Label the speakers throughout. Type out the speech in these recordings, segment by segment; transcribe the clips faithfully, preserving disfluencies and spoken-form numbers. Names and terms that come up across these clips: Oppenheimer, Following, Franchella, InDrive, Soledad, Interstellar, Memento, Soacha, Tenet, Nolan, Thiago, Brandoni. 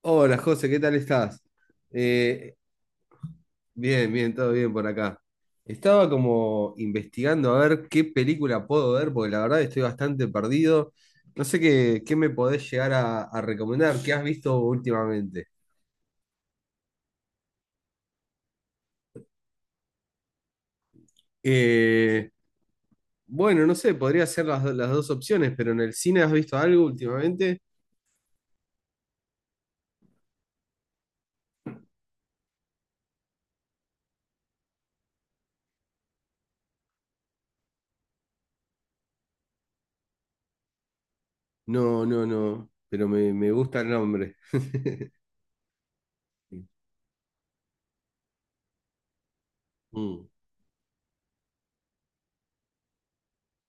Speaker 1: Hola José, ¿qué tal estás? Eh, bien, bien, todo bien por acá. Estaba como investigando a ver qué película puedo ver, porque la verdad estoy bastante perdido. No sé qué, qué me podés llegar a, a recomendar, qué has visto últimamente. Eh, bueno, no sé, podría ser las, do- las dos opciones, pero en el cine has visto algo últimamente. No, no, no, pero me, me gusta el nombre. Mm,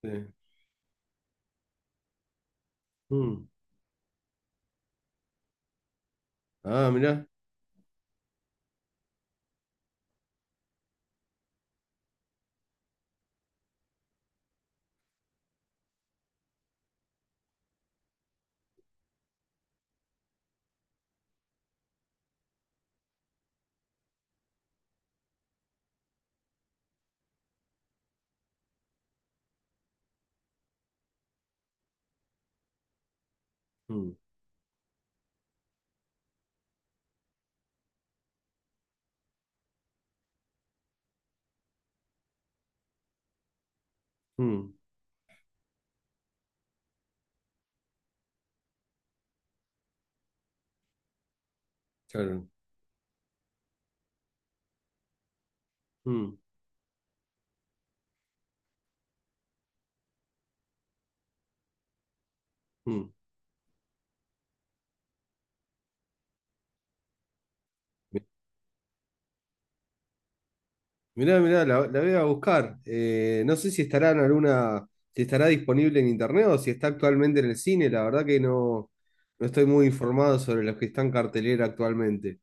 Speaker 1: sí. Mm. Ah, mirá. Mm, mm, claro. Mm, mm. Mi- Mirá, mirá, la, la voy a buscar. Eh, no sé si estará en alguna, si estará disponible en internet o si está actualmente en el cine. La verdad que no, no estoy muy informado sobre los que están en cartelera actualmente.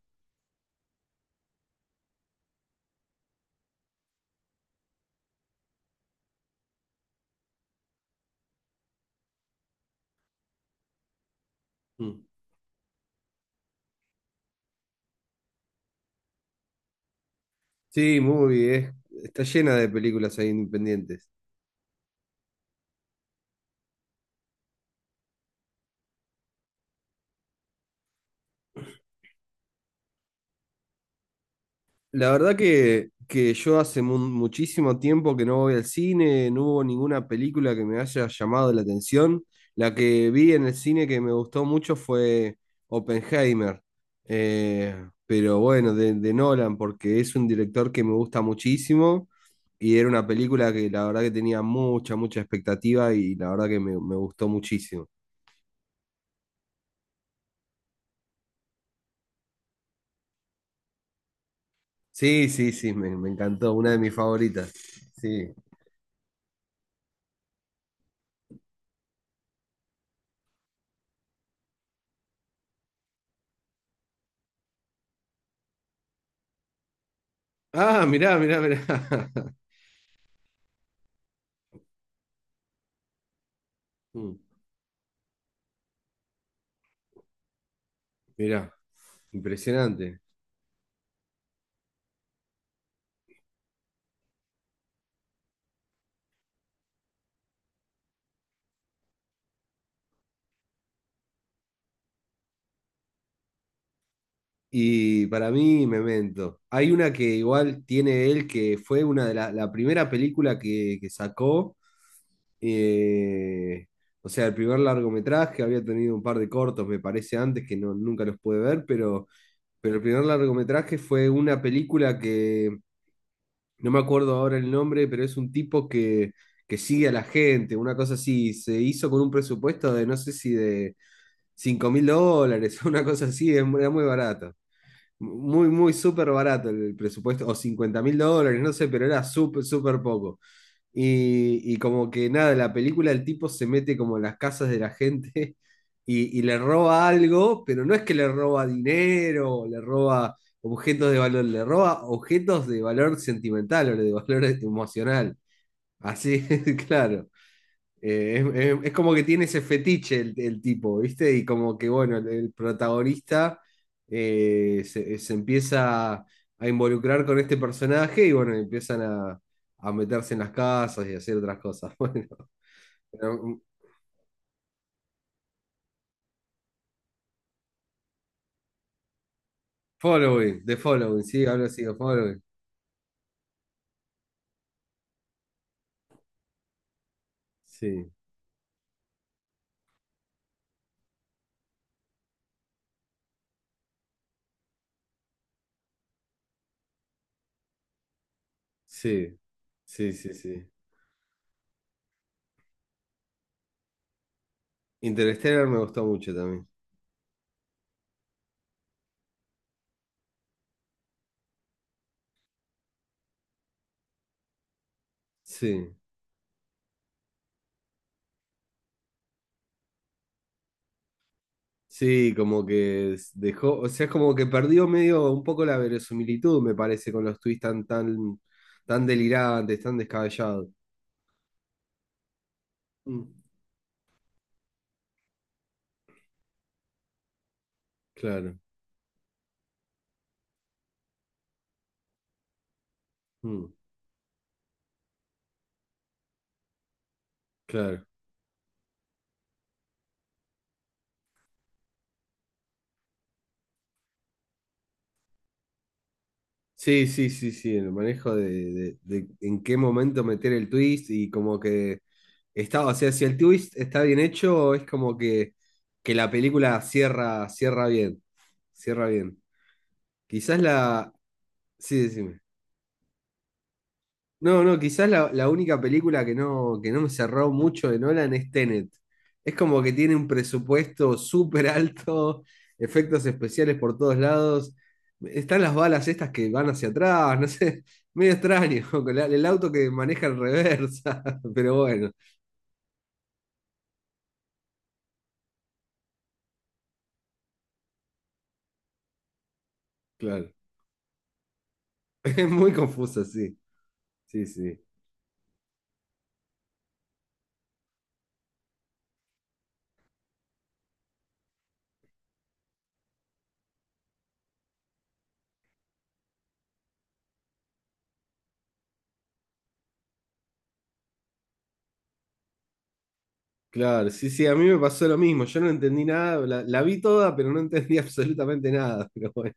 Speaker 1: Mm. Sí, muy, es- está llena de películas ahí independientes. La verdad que, que yo hace mu- muchísimo tiempo que no voy al cine, no hubo ninguna película que me haya llamado la atención. La que vi en el cine que me gustó mucho fue Oppenheimer. Eh, pero bueno, de, de Nolan, porque es un director que me gusta muchísimo y era una película que la verdad que tenía mucha, mucha expectativa y la verdad que me, me gustó muchísimo. Sí, sí, sí, me, me encantó, una de mis favoritas. Sí. Ah, mirá, mirá, mirá. Mm. Mirá, impresionante. Y para mí, Memento. Hay una que igual tiene él, que fue una de la, la primera película que, que sacó. eh, o sea, el primer largometraje, había tenido un par de cortos, me parece, antes, que no, nunca los pude ver, pero, pero el primer largometraje fue una película que no me acuerdo ahora el nombre, pero es un tipo que, que sigue a la gente, una cosa así, se hizo con un presupuesto de no sé si de cinco mil dólares, una cosa así, es mu- era muy barato. Muy, muy súper barato el presupuesto, o cincuenta mil dólares, no sé, pero era súper, súper poco. Y, y como que nada, en la película el tipo se mete como en las casas de la gente y, y le roba algo, pero no es que le roba dinero, o le roba objetos de valor, le roba objetos de valor sentimental o de valor emocional. Así, claro. Eh, es, es- es como que tiene ese fetiche el, el tipo, ¿viste? Y como que, bueno, el, el protagonista eh, se, se empieza a involucrar con este personaje y, bueno, empiezan a, a meterse en las casas y a hacer otras cosas. Bueno, pero, mm, Following, The Following, sí, hablo así, The Following. Sí, sí, sí, sí, sí. Interstellar me gustó mucho también. Sí. Sí, como que s- dejó, o sea, es como que perdió medio un poco la verosimilitud, me parece, con los tweets tan, tan, tan delirantes, tan descabellados. Mm, claro, mm, claro. Sí, sí, sí, sí, el manejo de, de- de en qué momento meter el twist y como que está, o sea, si el twist está bien hecho, es como que, que la película cierra, cierra bien, cierra bien. Quizás la... Sí, decime. No, no, quizás la, la única película que no, que no me cerró mucho de Nolan es Tenet. Es como que tiene un presupuesto súper alto, efectos especiales por todos lados. Están las balas estas que van hacia atrás, no sé, medio extraño, con la- el auto que maneja en reversa, pero bueno, claro. Es muy confusa, sí, sí, sí. Claro, sí, sí, a mí me pasó lo mismo, yo no entendí nada, la, la vi toda, pero no entendí absolutamente nada, pero bueno.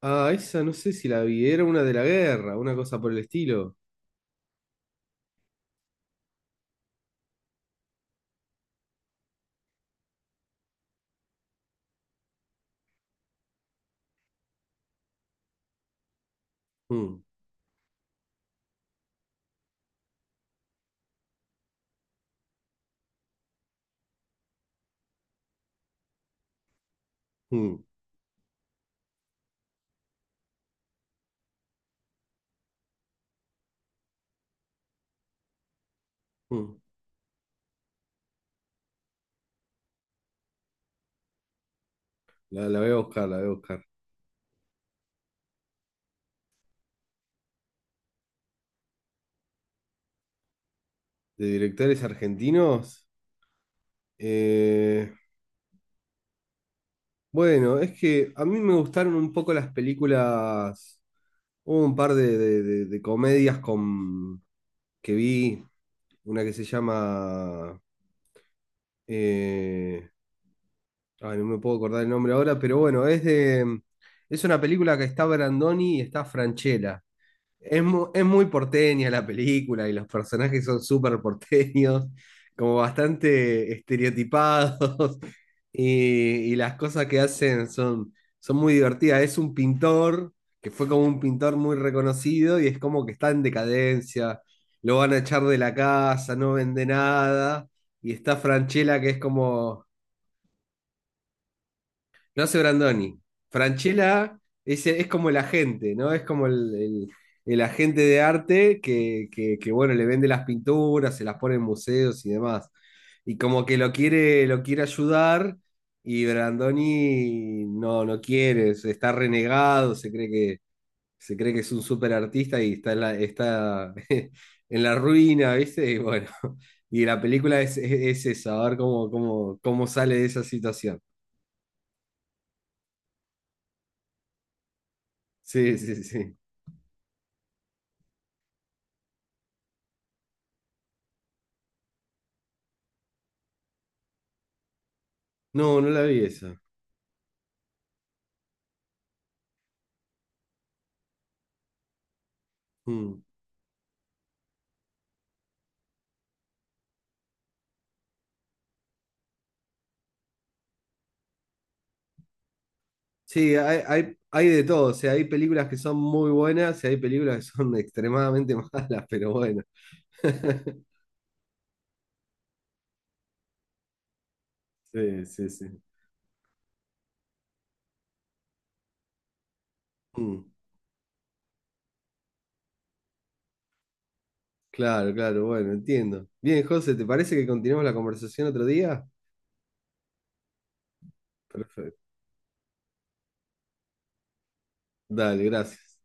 Speaker 1: Ah, esa no sé si la vi, era una de la guerra, una cosa por el estilo. Mm, mm, mm. La, la voy a buscar, la voy a buscar. ¿De directores argentinos? Eh, bueno, es que a mí me gustaron un poco las películas, hubo un par de, de- de- de comedias con, que vi, una que se llama... eh, ay, no me puedo acordar el nombre ahora, pero bueno, es de... Es una película que está Brandoni y está Franchella. Es mu- es muy, porteña la película y los personajes son súper porteños, como bastante estereotipados y, y las cosas que hacen son, son muy divertidas. Es un pintor que fue como un pintor muy reconocido y es como que está en decadencia, lo van a echar de la casa, no vende nada y está Franchella que es como no hace Brandoni. Franchella es, es como el agente, ¿no? Es como el, el- el agente de arte que, que- que, bueno, le vende las pinturas, se las pone en museos y demás. Y como que lo quiere, lo quiere ayudar y Brandoni no, no quiere, se- está renegado, se cree que, se cree que es un súper artista y está en la, está en la ruina, ¿viste? Y bueno, y la película es, es, es eso, a ver cómo, cómo, cómo sale de esa situación. Sí, sí, sí. No, no la vi esa. Mm. Sí, hay, hay, hay de todo. O sea, hay películas que son muy buenas y hay películas que son extremadamente malas, pero bueno. Sí, sí, sí. Mm. Claro, claro, bueno, entiendo. Bien, José, ¿te parece que continuemos la conversación otro día? Perfecto. Dale, gracias.